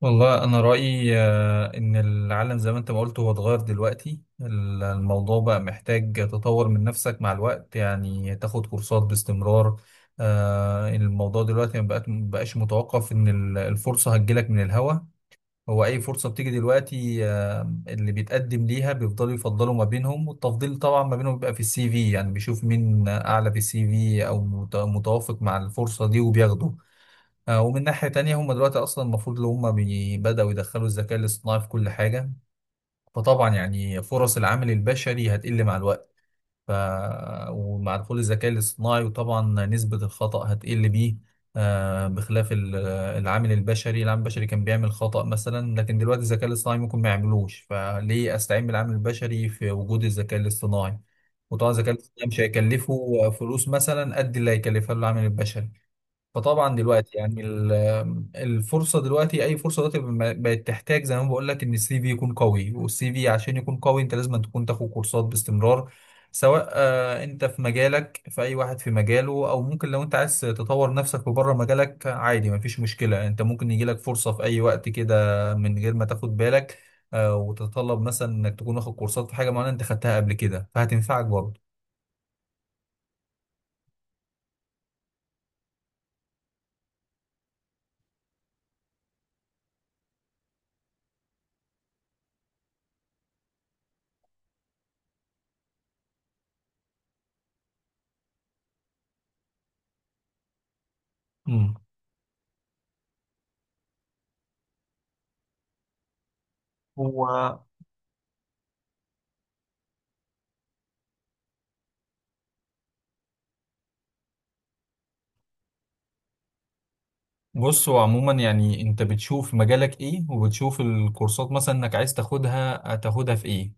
والله أنا رأيي، إن العالم زي ما أنت ما قلت هو اتغير دلوقتي. الموضوع بقى محتاج تطور من نفسك مع الوقت، يعني تاخد كورسات باستمرار. الموضوع دلوقتي ما بقاش متوقف إن الفرصة هتجيلك من الهوا. هو أي فرصة بتيجي دلوقتي، اللي بيتقدم ليها بيفضلوا يفضلوا ما بينهم، والتفضيل طبعا ما بينهم بيبقى في السي في، يعني بيشوف مين أعلى في السي في أو متوافق مع الفرصة دي وبياخده. ومن ناحية تانية هم دلوقتي أصلا المفروض اللي هم بدأوا يدخلوا الذكاء الاصطناعي في كل حاجة. فطبعا يعني فرص العامل البشري هتقل مع الوقت. ف... ومع دخول الذكاء الاصطناعي، وطبعا نسبة الخطأ هتقل بيه. بخلاف العامل البشري كان بيعمل خطأ مثلا، لكن دلوقتي الذكاء الاصطناعي ممكن ما يعملوش، فليه أستعين بالعامل البشري في وجود الذكاء الاصطناعي؟ وطبعا الذكاء الاصطناعي مش هيكلفه فلوس مثلا قد اللي هيكلفها له العامل البشري. فطبعا دلوقتي يعني الفرصه دلوقتي اي فرصه دلوقتي بقت تحتاج، زي ما بقول لك، ان السي في يكون قوي، والسي في عشان يكون قوي انت لازم تكون تاخد كورسات باستمرار، سواء انت في مجالك، في اي واحد في مجاله. او ممكن لو انت عايز تطور نفسك في بره مجالك، عادي مفيش مشكله، انت ممكن يجيلك فرصه في اي وقت كده من غير ما تاخد بالك. وتتطلب مثلا انك تكون واخد كورسات في حاجه معينه انت خدتها قبل كده، فهتنفعك برضه. مم. هو بص، هو عموما يعني انت بتشوف مجالك ايه وبتشوف الكورسات مثلا انك عايز تاخدها هتاخدها في ايه.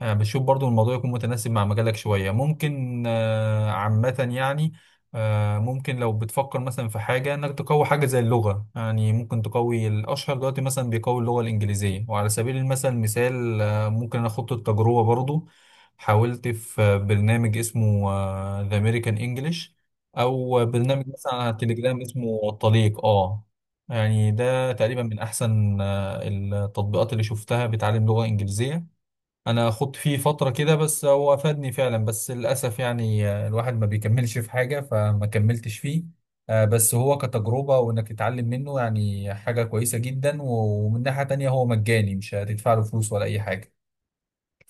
بتشوف برضو الموضوع يكون متناسب مع مجالك شوية ممكن. عامة يعني ممكن لو بتفكر مثلا في حاجة انك تقوي حاجة زي اللغة، يعني ممكن تقوي. الأشهر دلوقتي مثلا بيقوي اللغة الإنجليزية، وعلى سبيل مثال ممكن أنا أخد التجربة برضو. حاولت في برنامج اسمه The American English، أو برنامج مثلا على تليجرام اسمه الطليق. اه يعني ده تقريبا من أحسن التطبيقات اللي شفتها بتعلم لغة إنجليزية. انا خدت فيه فترة كده، بس هو افادني فعلا، بس للاسف يعني الواحد ما بيكملش في حاجة، فما كملتش فيه. بس هو كتجربة وانك تتعلم منه يعني حاجة كويسة جدا. ومن ناحية تانية هو مجاني، مش هتدفع له فلوس ولا اي حاجة،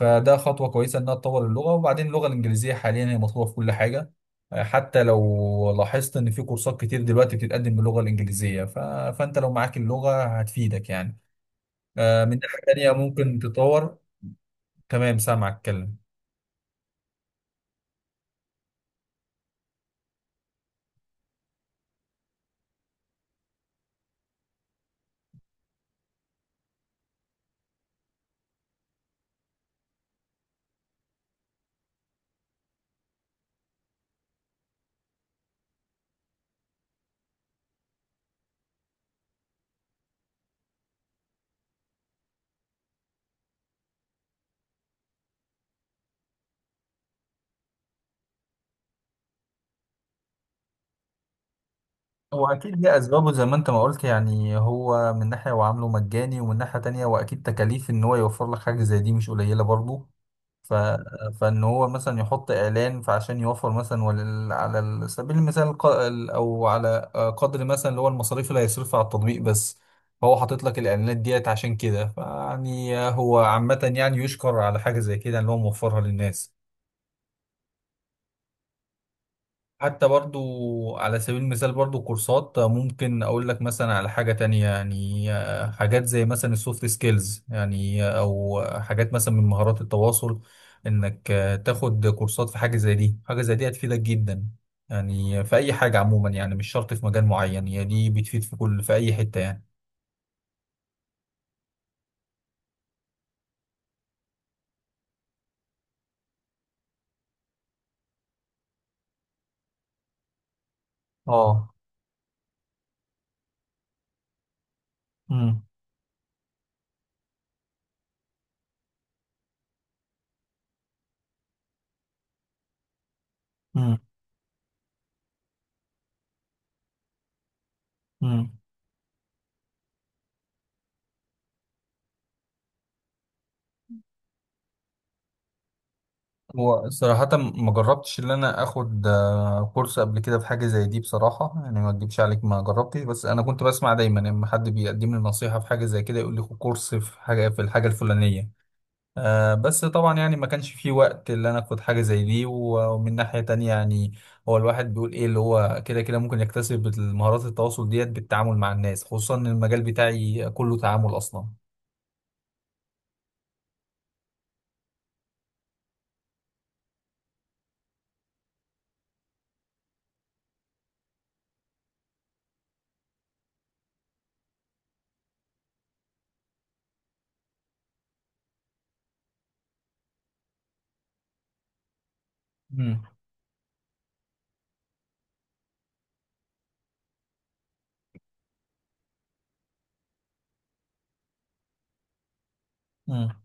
فده خطوة كويسة انها تطور اللغة. وبعدين اللغة الانجليزية حاليا هي مطلوبة في كل حاجة. حتى لو لاحظت ان في كورسات كتير دلوقتي بتتقدم باللغة الانجليزية. فانت لو معاك اللغة هتفيدك يعني. من ناحية تانية ممكن تطور. تمام، سامعك اتكلم. هو أكيد ليه أسبابه زي ما أنت ما قلت، يعني هو من ناحية هو عامله مجاني، ومن ناحية تانية وأكيد تكاليف إن هو يوفر لك حاجة زي دي مش قليلة برضه. ف... فإن هو مثلا يحط إعلان فعشان يوفر مثلا، على سبيل المثال، أو على قدر مثلا اللي هو المصاريف اللي هيصرفها على التطبيق بس. فهو حاطط لك الإعلانات ديت عشان كده. فيعني هو عامة يعني يشكر على حاجة زي كده إن هو موفرها للناس. حتى برضو على سبيل المثال برضو كورسات ممكن اقول لك مثلا على حاجة تانية، يعني حاجات زي مثلا السوفت سكيلز، يعني او حاجات مثلا من مهارات التواصل، انك تاخد كورسات في حاجة زي دي، حاجة زي دي هتفيدك جدا. يعني في اي حاجة عموما يعني مش شرط في مجال معين، هي دي بتفيد في كل، في اي حتة يعني. اه. امم. امم. هو صراحة ما جربتش إن أنا آخد كورس قبل كده في حاجة زي دي، بصراحة يعني ما أكدبش عليك ما جربتش، بس أنا كنت بسمع دايما لما حد بيقدم لي نصيحة في حاجة زي كده يقول لي خد كورس في حاجة، في الحاجة الفلانية. بس طبعا يعني ما كانش في وقت اللي أنا آخد حاجة زي دي. ومن ناحية تانية يعني هو الواحد بيقول إيه اللي هو كده كده ممكن يكتسب مهارات التواصل ديت بالتعامل مع الناس، خصوصا إن المجال بتاعي كله تعامل أصلا. مم. مم.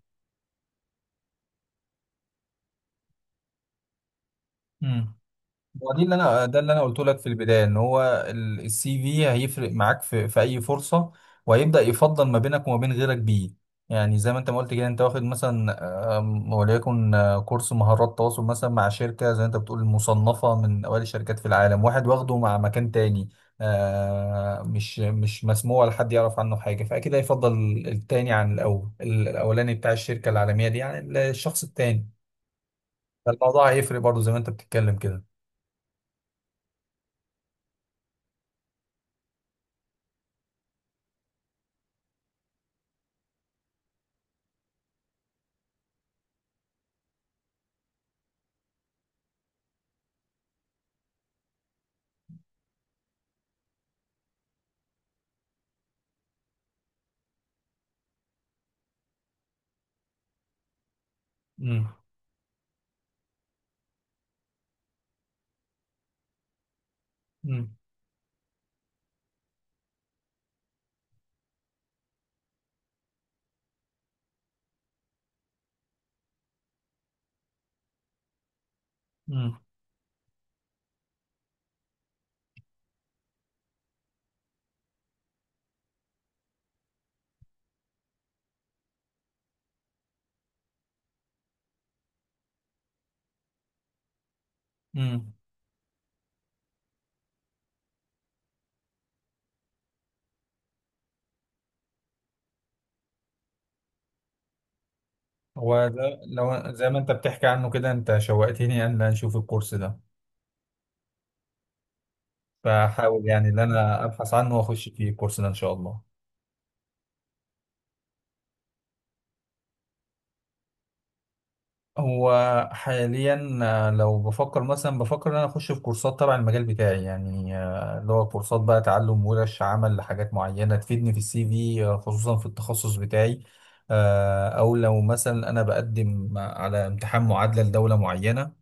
مم. هو دي اللي انا ده اللي انا قلت لك في البدايه، ان هو السي في هيفرق معاك في اي فرصه، وهيبدا يفضل ما بينك وما بين غيرك بيه. يعني زي ما انت ما قلت كده، انت واخد مثلا، وليكن كورس مهارات تواصل مثلا مع شركه زي انت بتقول مصنفه من اوائل الشركات في العالم، واحد واخده مع مكان تاني مش مسموع ولا حد يعرف عنه حاجه، فاكيد هيفضل التاني عن الاولاني بتاع الشركه العالميه دي، يعني الشخص التاني. فالموضوع هيفرق برضه زي ما انت بتتكلم كده. امم. امم. امم. هو ده لو زي ما انت بتحكي عنه كده انت شوقتني ان انا اشوف الكورس ده. فحاول يعني ان انا ابحث عنه واخش فيه الكورس ده ان شاء الله. هو حاليا لو بفكر ان انا اخش في كورسات تبع المجال بتاعي، يعني اللي هو كورسات بقى تعلم ورش عمل لحاجات معينة تفيدني في السي في. خصوصا في التخصص بتاعي. او لو مثلا انا بقدم على امتحان معادلة لدولة معينة،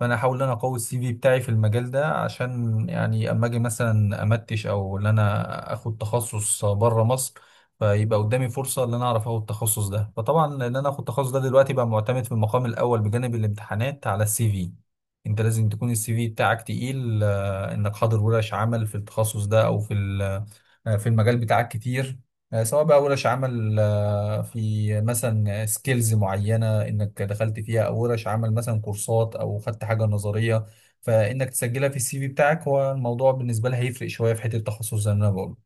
فانا احاول ان انا اقوي السي في بتاعي في المجال ده، عشان يعني اما اجي مثلا امتش او ان انا اخد تخصص بره مصر، فيبقى قدامي فرصه ان انا اعرف اخد التخصص ده. فطبعا ان انا اخد التخصص ده دلوقتي بقى معتمد في المقام الاول بجانب الامتحانات على السي في. انت لازم تكون السي في بتاعك تقيل، انك حاضر ورش عمل في التخصص ده او في ال في المجال بتاعك كتير. سواء بقى ورش عمل في مثلا سكيلز معينة انك دخلت فيها، او ورش عمل مثلا كورسات او خدت حاجة نظرية، فانك تسجلها في السي في بتاعك. هو الموضوع بالنسبة لها هيفرق شوية في حتة التخصص زي ما انا بقول.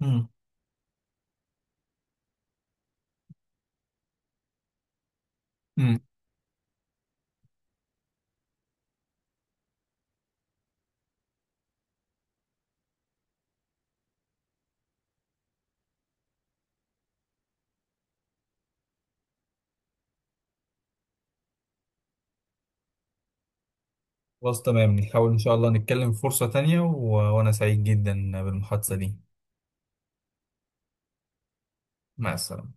مم. مم. خلاص تمام، نحاول ان شاء الله نتكلم في فرصة تانية. وانا سعيد جدا بالمحادثة دي. مع السلامة.